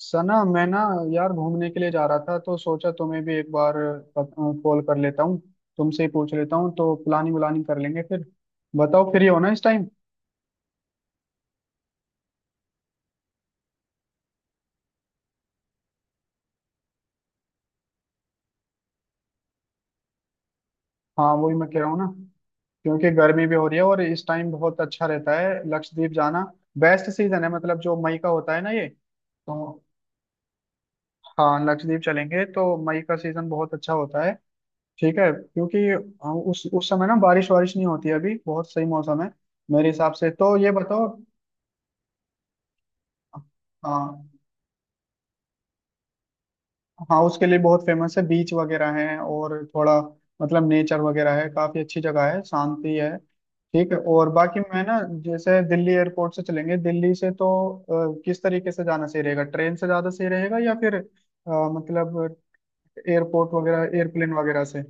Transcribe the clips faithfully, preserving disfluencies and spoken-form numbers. सना, मैं ना यार घूमने के लिए जा रहा था तो सोचा तुम्हें भी एक बार कॉल कर लेता हूँ। तुमसे ही पूछ लेता हूँ तो प्लानिंग व्लानिंग कर लेंगे फिर। बताओ, फ्री हो ना इस टाइम? हाँ, वही मैं कह रहा हूँ ना। क्योंकि गर्मी भी हो रही है और इस टाइम बहुत अच्छा रहता है लक्षद्वीप जाना। बेस्ट सीजन है, मतलब जो मई का होता है ना ये तो। हाँ, लक्षद्वीप चलेंगे तो मई का सीजन बहुत अच्छा होता है। ठीक है क्योंकि अ, उस उस समय ना बारिश वारिश नहीं होती है, अभी बहुत सही मौसम है। मेरे हिसाब से तो ये बताओ। हाँ। हाँ, उसके लिए बहुत फेमस है, बीच वगैरह है और थोड़ा मतलब नेचर वगैरह है, काफी अच्छी जगह है, शांति है। ठीक है, और बाकी मैं ना जैसे दिल्ली एयरपोर्ट से चलेंगे दिल्ली से तो अ, किस तरीके से जाना सही रहेगा? ट्रेन से ज्यादा सही रहेगा या फिर अ, मतलब एयरपोर्ट वगैरह एयरप्लेन वगैरह से?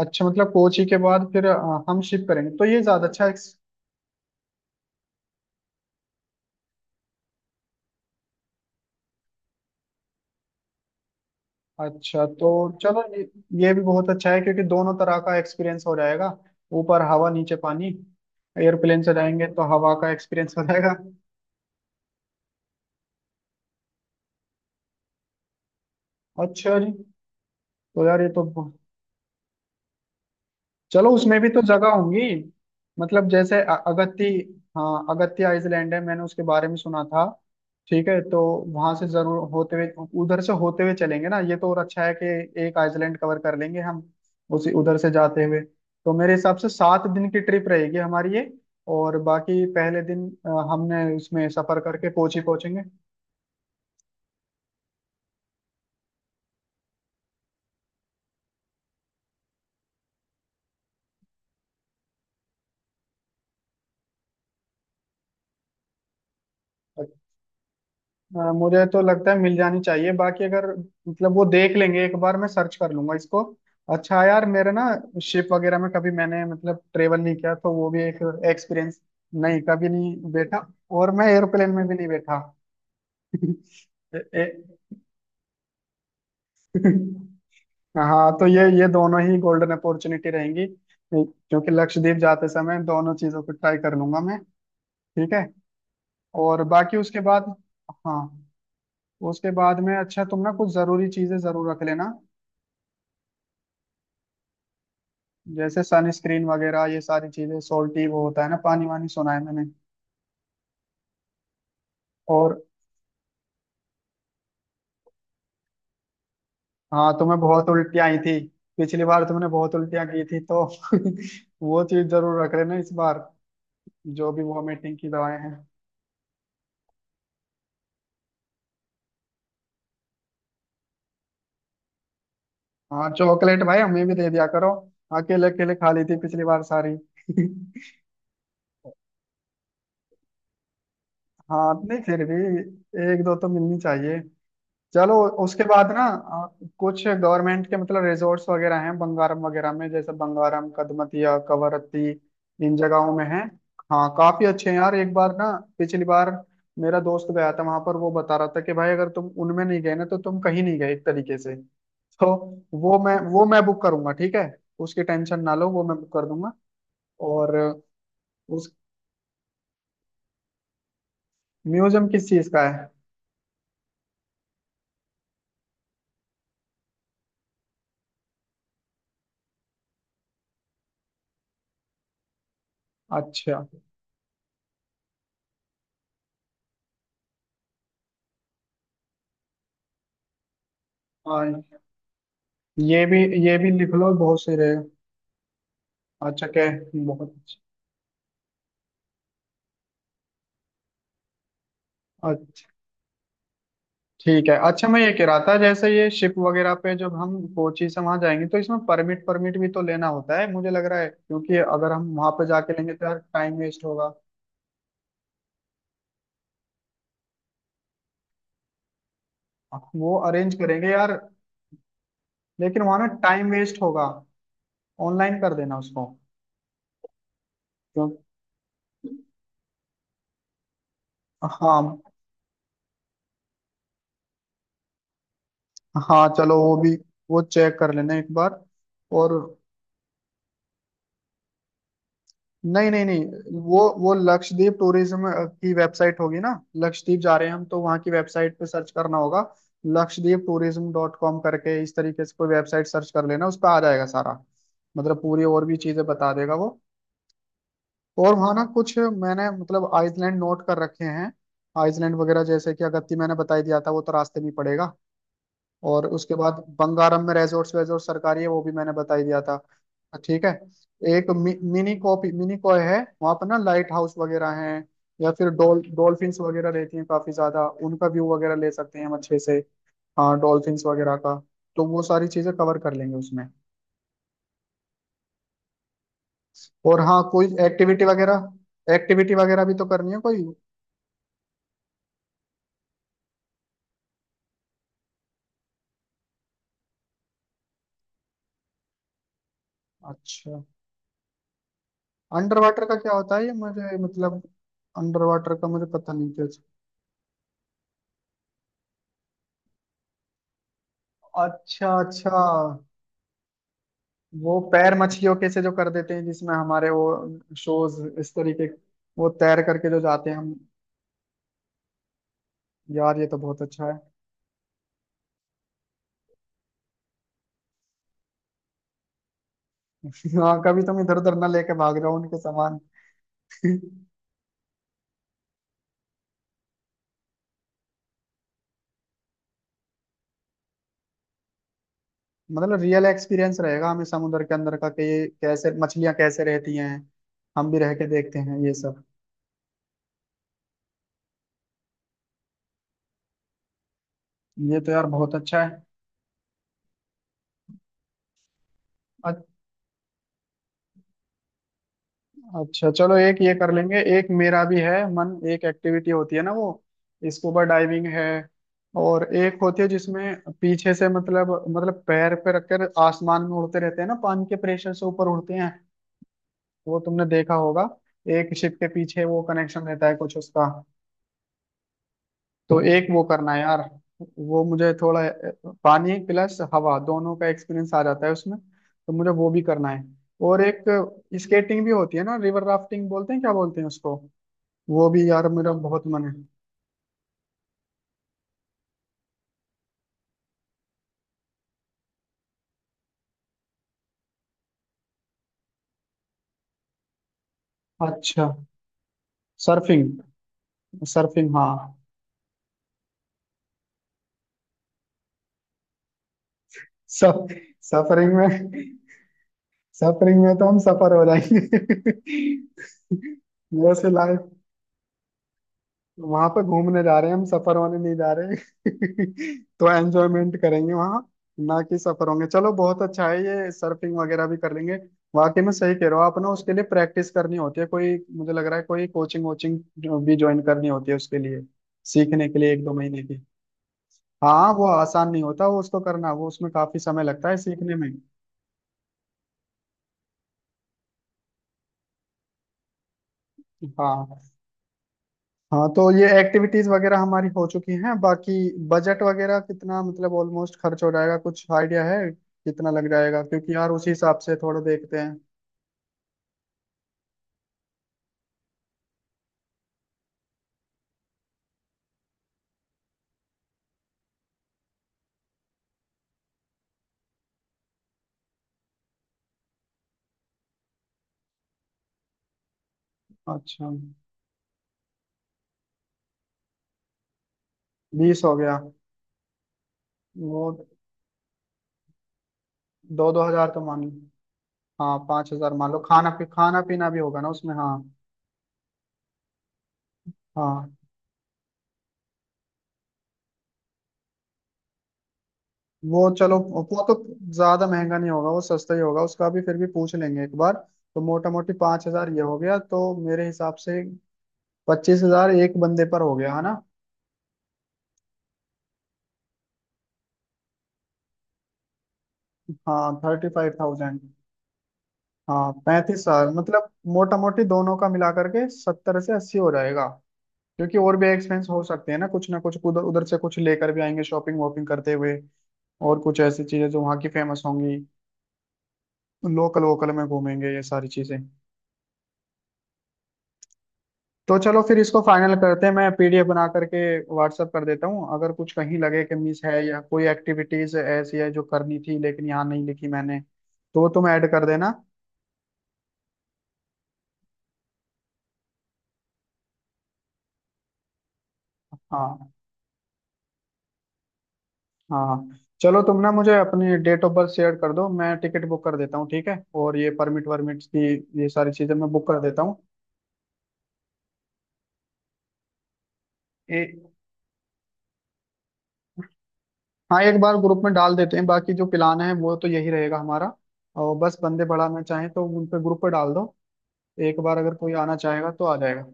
अच्छा, मतलब कोची के बाद फिर अ, हम शिफ्ट करेंगे तो ये ज्यादा अच्छा। अच्छा तो। चलो, ये ये भी बहुत अच्छा है क्योंकि दोनों तरह का एक्सपीरियंस हो जाएगा, ऊपर हवा नीचे पानी। एयरप्लेन से जाएंगे तो हवा का एक्सपीरियंस हो जाएगा। अच्छा जी। तो यार ये तो चलो उसमें भी तो जगह होंगी। मतलब जैसे अ- अगत्ती, हाँ अगत्ती आइलैंड है, मैंने उसके बारे में सुना था। ठीक है, तो वहां से जरूर होते हुए, उधर से होते हुए चलेंगे ना। ये तो और अच्छा है कि एक आइलैंड कवर कर लेंगे हम उसी उधर से जाते हुए। तो मेरे हिसाब से सात दिन की ट्रिप रहेगी हमारी ये। और बाकी पहले दिन अ, हमने उसमें सफर करके कोची पहुंचेंगे। अ, मुझे तो लगता है मिल जानी चाहिए, बाकी अगर, मतलब, वो देख लेंगे एक बार। मैं सर्च कर लूंगा इसको। अच्छा यार, मेरे ना शिप वगैरह में कभी मैंने मतलब ट्रेवल नहीं किया, तो वो भी एक एक्सपीरियंस। नहीं, कभी नहीं बैठा। और मैं एयरप्लेन में भी नहीं बैठा। ए, ए, हाँ, तो ये ये दोनों ही गोल्डन अपॉर्चुनिटी रहेंगी क्योंकि लक्षद्वीप जाते समय दोनों चीजों को ट्राई कर लूंगा मैं। ठीक है। और बाकी उसके बाद। हाँ। उसके बाद में, अच्छा तुम ना कुछ जरूरी चीजें जरूर रख लेना। जैसे सनस्क्रीन वगैरह, ये सारी चीजें सोल्टी, वो होता है ना पानी वानी, सुना है मैंने। और हाँ, तुम्हें बहुत उल्टियाँ आई थी, पिछली बार तुमने बहुत उल्टियाँ की थी, तो वो चीज जरूर रख लेना इस बार। जो भी वॉमिटिंग की दवाएं हैं। हाँ, चॉकलेट भाई हमें भी दे दिया करो, अकेले अकेले खा ली थी पिछली बार सारी। हाँ, नहीं फिर भी एक दो तो मिलनी चाहिए। चलो। उसके बाद ना अ, कुछ गवर्नमेंट के मतलब रिजॉर्ट्स वगैरह हैं, बंगारम वगैरह में, जैसे बंगारम, कदमतिया, कवरत्ती, इन जगहों में हैं। हाँ, काफी अच्छे हैं यार, एक बार ना पिछली बार मेरा दोस्त गया था वहां पर, वो बता रहा था कि भाई अगर तुम उनमें नहीं गए ना तो तुम कहीं नहीं गए एक तरीके से। तो वो मैं वो मैं बुक करूंगा, ठीक है। उसकी टेंशन ना लो, वो मैं बुक कर दूंगा। और उस म्यूजियम किस चीज का है? अच्छा, हाँ, ये भी, ये भी लिख लो, बहुत सही रहे। अच्छा क्या? बहुत अच्छा। अच्छा, ठीक है, अच्छा मैं ये कह रहा था जैसे ये शिप वगैरह पे जब हम कोची से वहां जाएंगे तो इसमें परमिट परमिट भी तो लेना होता है, मुझे लग रहा है, क्योंकि अगर हम वहां पे जाके लेंगे तो यार टाइम वेस्ट होगा। वो अरेंज करेंगे यार। लेकिन वहां ना टाइम वेस्ट होगा। ऑनलाइन कर देना उसको। क्यों? हाँ, हाँ चलो वो भी, वो चेक कर लेना एक बार। और नहीं, नहीं, नहीं, वो वो लक्षद्वीप टूरिज्म की वेबसाइट होगी ना। लक्षद्वीप जा रहे हैं हम तो वहाँ की वेबसाइट पे सर्च करना होगा। लक्षद्वीप टूरिज्म डॉट कॉम करके इस तरीके से कोई वेबसाइट सर्च कर लेना, उस पर आ जाएगा सारा, मतलब पूरी, और भी चीजें बता देगा वो। और वहाँ ना कुछ मैंने मतलब आइसलैंड नोट कर रखे हैं। आइसलैंड वगैरह, जैसे कि अगत्ती मैंने बताई दिया था, वो तो रास्ते में ही पड़ेगा। और उसके बाद बंगारम में रेजोर्ट्स वेजोर्ट सरकारी है, वो भी मैंने बता ही दिया था। ठीक है। एक मि, मिनी कॉपी मिनी कॉय है वहाँ पर ना, लाइट हाउस वगैरह हैं, या फिर डॉल डॉल्फिन्स वगैरह रहती हैं काफी ज्यादा, उनका व्यू वगैरह ले सकते हैं हम अच्छे से। हाँ, डॉल्फिन्स वगैरह का। तो वो सारी चीजें कवर कर लेंगे उसमें। और हाँ कोई एक्टिविटी वगैरह एक्टिविटी वगैरह भी तो करनी है कोई। अच्छा, अंडर वाटर का क्या होता है ये मुझे मतलब, अंडर वाटर का मुझे पता नहीं क्या। अच्छा अच्छा। वो पैर मछलियों के से जो कर देते हैं जिसमें हमारे वो शोज, इस तरीके, वो तैर करके जो जाते हैं हम। यार ये तो बहुत अच्छा है। हाँ, कभी तुम इधर उधर ना लेके भाग जाओ उनके सामान। मतलब रियल एक्सपीरियंस रहेगा हमें समुद्र के अंदर का, कि ये कैसे मछलियां कैसे रहती हैं, हम भी रह के देखते हैं ये सब। ये तो यार बहुत अच्छा है। अच्छा चलो एक ये कर लेंगे। एक मेरा भी है मन, एक एक्टिविटी होती है ना वो स्कूबा डाइविंग है। और एक होती है जिसमें पीछे से मतलब, मतलब पैर पे रखकर आसमान में उड़ते रहते हैं ना, पानी के प्रेशर से ऊपर उड़ते हैं। वो तुमने देखा होगा, एक शिप के पीछे वो कनेक्शन रहता है कुछ उसका। तो एक वो करना है यार। वो मुझे थोड़ा अ, पानी प्लस हवा दोनों का एक्सपीरियंस आ जाता है उसमें, तो मुझे वो भी करना है। और एक स्केटिंग भी होती है ना, रिवर राफ्टिंग बोलते हैं, क्या बोलते हैं उसको? वो भी यार मेरा बहुत मन है। अच्छा, सर्फिंग, सर्फिंग, हाँ सब। सफरिंग में, सफरिंग में तो हम सफर हो जाएंगे, वैसे लाइफ। वहां पे घूमने जा रहे हैं हम, सफर होने नहीं जा रहे हैं। तो एंजॉयमेंट करेंगे वहां, ना कि सफर होंगे। चलो बहुत अच्छा है, ये सर्फिंग वगैरह भी कर लेंगे। वाकई में सही कह रहे हो आप ना, उसके लिए प्रैक्टिस करनी होती है कोई, मुझे लग रहा है कोई कोचिंग वोचिंग जो भी ज्वाइन करनी होती है उसके लिए सीखने के लिए, एक दो महीने की। हाँ, वो आसान नहीं होता, वो उसको करना, वो उसमें काफी समय लगता है सीखने में। हाँ। हाँ, तो ये एक्टिविटीज वगैरह हमारी हो चुकी हैं, बाकी बजट वगैरह कितना मतलब ऑलमोस्ट खर्च हो जाएगा, कुछ आइडिया है कितना लग जाएगा, क्योंकि यार उसी हिसाब से थोड़ा देखते हैं। अच्छा। बीस हो गया। वो, दो दो हजार तो मान लो, हाँ पाँच हजार मान लो, खाना पी खाना पीना भी होगा ना उसमें, हाँ। हाँ, वो चलो वो तो ज्यादा महंगा नहीं होगा, वो सस्ता ही होगा उसका भी, फिर भी पूछ लेंगे एक बार। तो मोटा मोटी पांच हजार ये हो गया, तो मेरे हिसाब से पच्चीस हजार एक बंदे पर हो गया है ना। हाँ, थर्टी फाइव थाउजेंड। हाँ पैंतीस हजार, मतलब मोटा मोटी दोनों का मिला करके सत्तर से अस्सी हो जाएगा। क्योंकि और भी एक्सपेंस हो सकते हैं ना, कुछ ना कुछ उधर उधर से कुछ लेकर भी आएंगे शॉपिंग वॉपिंग करते हुए, और कुछ ऐसी चीजें जो वहाँ की फेमस होंगी, लोकल वोकल में घूमेंगे, ये सारी चीजें। तो चलो फिर इसको फाइनल करते हैं, मैं पी डी एफ बना करके व्हाट्सअप कर देता हूँ, अगर कुछ कहीं लगे कि मिस है या कोई एक्टिविटीज ऐसी है जो करनी थी लेकिन यहाँ नहीं लिखी मैंने, तो वो तुम ऐड कर देना। हाँ, हाँ, हाँ। चलो तुम ना मुझे अपनी डेट ऑफ बर्थ शेयर कर दो, मैं टिकट बुक कर देता हूँ, ठीक है, और ये परमिट वर्मिट की, ये सारी चीजें मैं बुक कर देता हूँ। ए- हाँ, एक बार ग्रुप में डाल देते हैं, बाकी जो प्लान है वो तो यही रहेगा हमारा। और बस बंदे बढ़ाना चाहें तो उन पे ग्रुप पे डाल दो, एक बार अगर कोई आना चाहेगा तो आ जाएगा।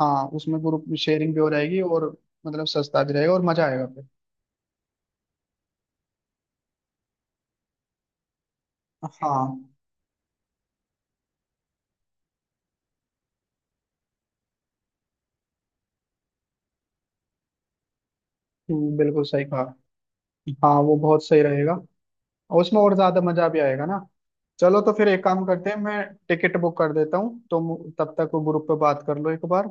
हाँ, उसमें ग्रुप शेयरिंग भी हो जाएगी, और मतलब सस्ता भी रहेगा और मजा आएगा फिर। हाँ। हम्म, बिल्कुल सही कहा। हाँ, वो बहुत सही रहेगा। और उसमें और ज्यादा मजा भी आएगा ना। चलो तो फिर एक काम करते हैं, मैं टिकट बुक कर देता हूँ, तुम तब तक वो ग्रुप पे बात कर लो एक बार,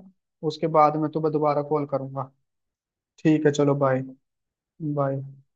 उसके बाद मैं तुम्हें दोबारा कॉल करूंगा। ठीक है, चलो बाय। बाय।